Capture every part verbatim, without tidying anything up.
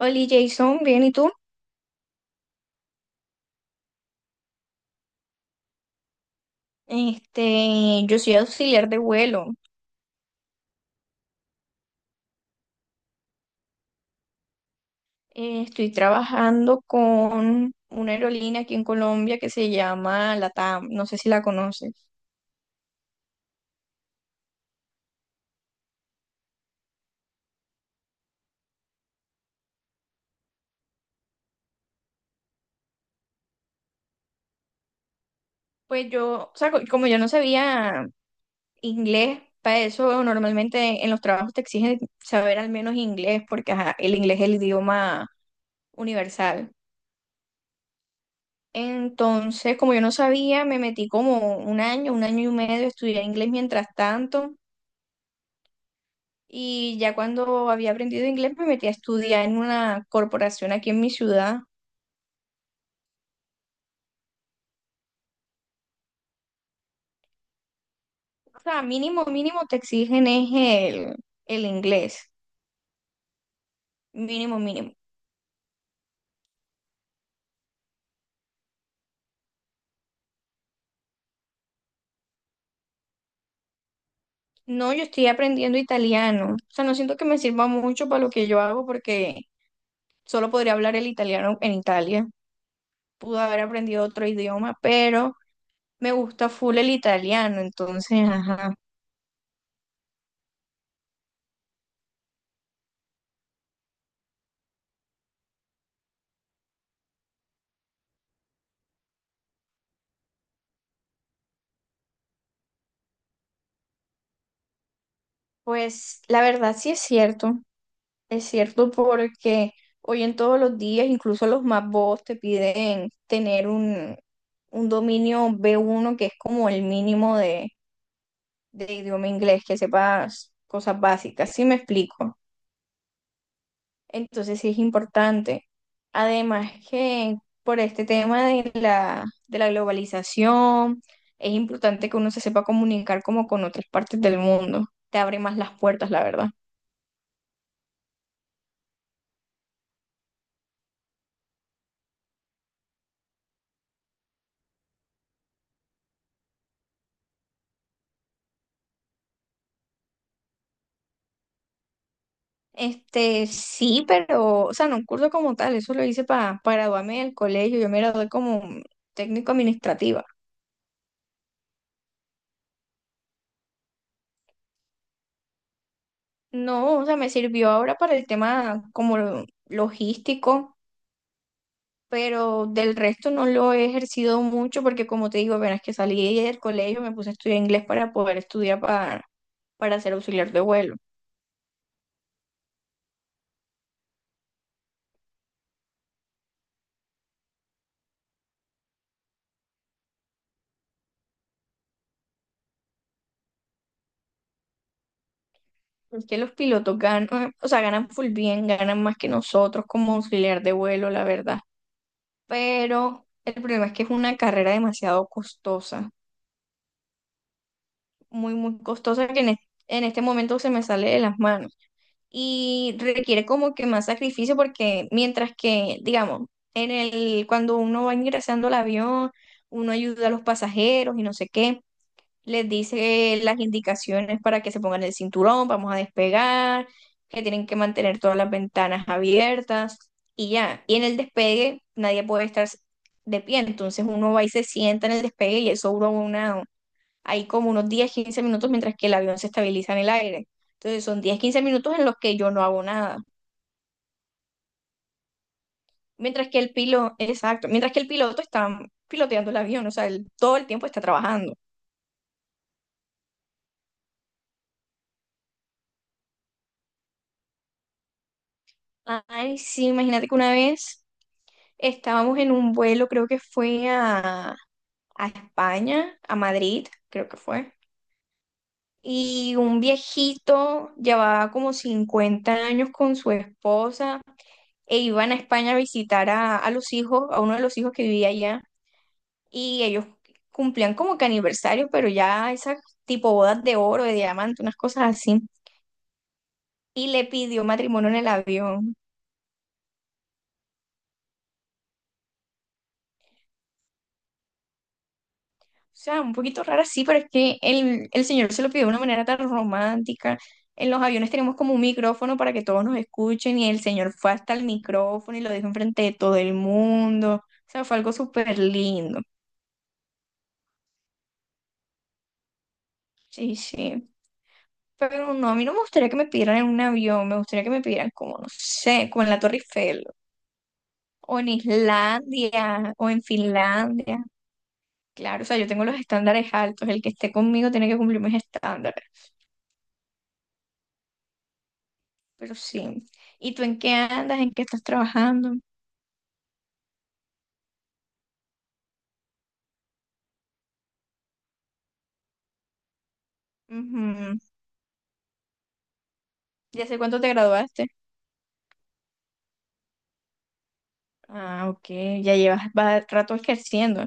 Hola Jason, bien, ¿y tú? Este, yo soy auxiliar de vuelo. Eh, estoy trabajando con una aerolínea aquí en Colombia que se llama LATAM, no sé si la conoces. Pues yo, o sea, co- como yo no sabía inglés, para eso normalmente en los trabajos te exigen saber al menos inglés, porque ajá, el inglés es el idioma universal. Entonces, como yo no sabía, me metí como un año, un año y medio a estudiar inglés mientras tanto. Y ya cuando había aprendido inglés me metí a estudiar en una corporación aquí en mi ciudad. O sea, mínimo, mínimo te exigen es el, el inglés. Mínimo, mínimo. No, yo estoy aprendiendo italiano. O sea, no siento que me sirva mucho para lo que yo hago porque solo podría hablar el italiano en Italia. Pude haber aprendido otro idioma, pero me gusta full el italiano. Entonces, ajá. Pues la verdad sí es cierto. Es cierto, porque hoy en todos los días, incluso los más bobos te piden tener un, un dominio b uno que es como el mínimo de, de idioma inglés, que sepas cosas básicas, ¿sí me explico? Entonces sí es importante. Además que por este tema de la, de la globalización, es importante que uno se sepa comunicar como con otras partes del mundo. Te abre más las puertas, la verdad. Este, sí, pero, o sea, no un curso como tal, eso lo hice para, para graduarme del colegio, yo me gradué como técnico administrativa. No, o sea, me sirvió ahora para el tema como lo- logístico, pero del resto no lo he ejercido mucho porque como te digo, apenas que salí del colegio me puse a estudiar inglés para poder estudiar para, para ser auxiliar de vuelo. Porque los pilotos ganan, o sea, ganan full bien, ganan más que nosotros como auxiliar de vuelo, la verdad. Pero el problema es que es una carrera demasiado costosa, muy, muy costosa que en, es- en este momento se me sale de las manos y requiere como que más sacrificio porque mientras que, digamos, en el, cuando uno va ingresando al avión, uno ayuda a los pasajeros y no sé qué, les dice las indicaciones para que se pongan el cinturón, vamos a despegar, que tienen que mantener todas las ventanas abiertas y ya. Y en el despegue nadie puede estar de pie, entonces uno va y se sienta en el despegue y eso dura una, ahí como unos diez quince minutos mientras que el avión se estabiliza en el aire. Entonces son diez quince minutos en los que yo no hago nada. Mientras que el piloto, exacto, mientras que el piloto está piloteando el avión, o sea, él todo el tiempo está trabajando. Ay, sí, imagínate que una vez estábamos en un vuelo, creo que fue a, a España, a Madrid, creo que fue. Y un viejito llevaba como cincuenta años con su esposa e iban a España a visitar a, a los hijos, a uno de los hijos que vivía allá. Y ellos cumplían como que aniversario, pero ya esas tipo bodas de oro, de diamante, unas cosas así. Y le pidió matrimonio en el avión. O sea, un poquito rara, sí, pero es que el, el señor se lo pidió de una manera tan romántica. En los aviones tenemos como un micrófono para que todos nos escuchen y el señor fue hasta el micrófono y lo dijo enfrente de todo el mundo. O sea, fue algo súper lindo. Sí, sí. Pero no, a mí no me gustaría que me pidieran en un avión, me gustaría que me pidieran como, no sé, como en la Torre Eiffel, o en Islandia, o en Finlandia. Claro, o sea, yo tengo los estándares altos, el que esté conmigo tiene que cumplir mis estándares. Pero sí. ¿Y tú en qué andas? ¿En qué estás trabajando? Ujú. ¿Y hace cuánto te graduaste? Ah, ok. Ya llevas va- rato ejerciendo.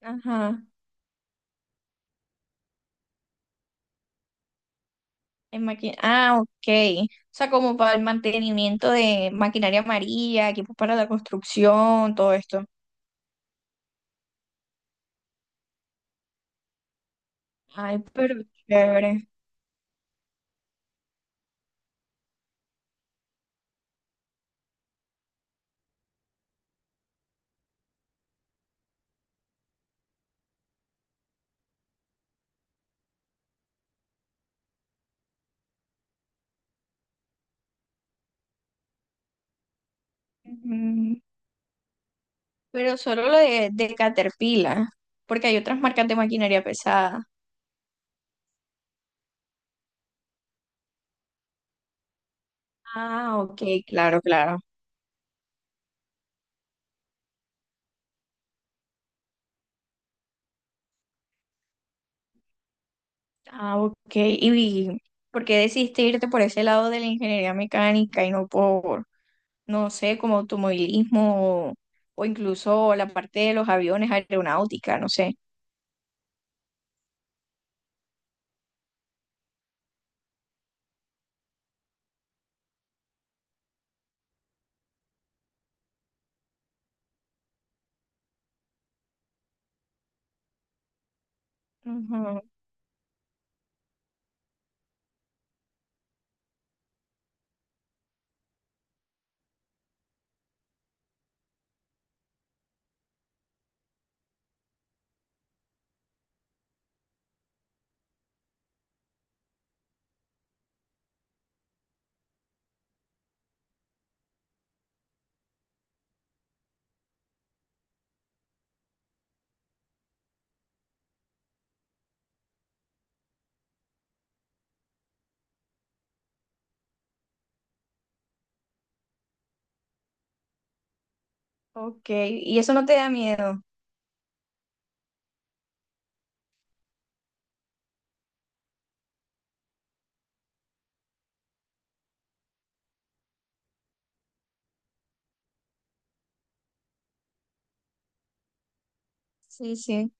Ajá. En maqui- Ah, ok. O sea, como para el mantenimiento de maquinaria amarilla, equipos para la construcción, todo esto. Ay, pero chévere. Ujú. Pero solo lo de, de Caterpillar, porque hay otras marcas de maquinaria pesada. Ah, ok, claro, claro. Ah, ok. ¿Y por qué decidiste irte por ese lado de la ingeniería mecánica y no por, no sé, como automovilismo o, o incluso la parte de los aviones, aeronáutica, no sé? Ujú. Ok. ¿Y eso no te da miedo? Sí, sí,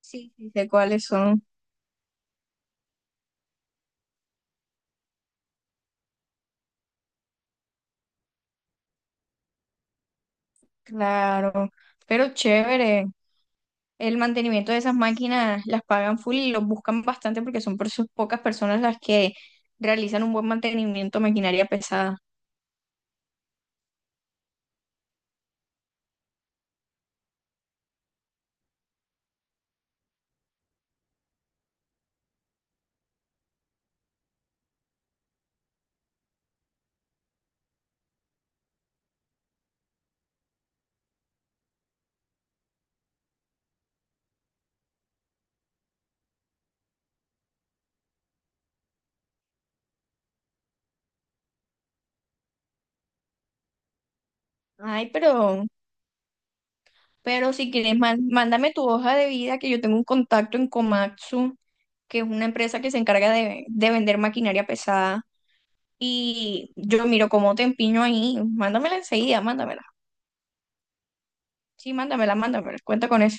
sí, sí, sé cuáles son. Claro. Pero chévere. El mantenimiento de esas máquinas las pagan full y los buscan bastante porque son por sus pocas personas las que realizan un buen mantenimiento de maquinaria pesada. Ay, pero Pero si quieres, man- mándame tu hoja de vida, que yo tengo un contacto en Komatsu, que es una empresa que se encarga de, de vender maquinaria pesada. Y yo miro cómo te empiño ahí. Mándamela enseguida, mándamela. Sí, mándamela, mándamela. Cuenta con eso.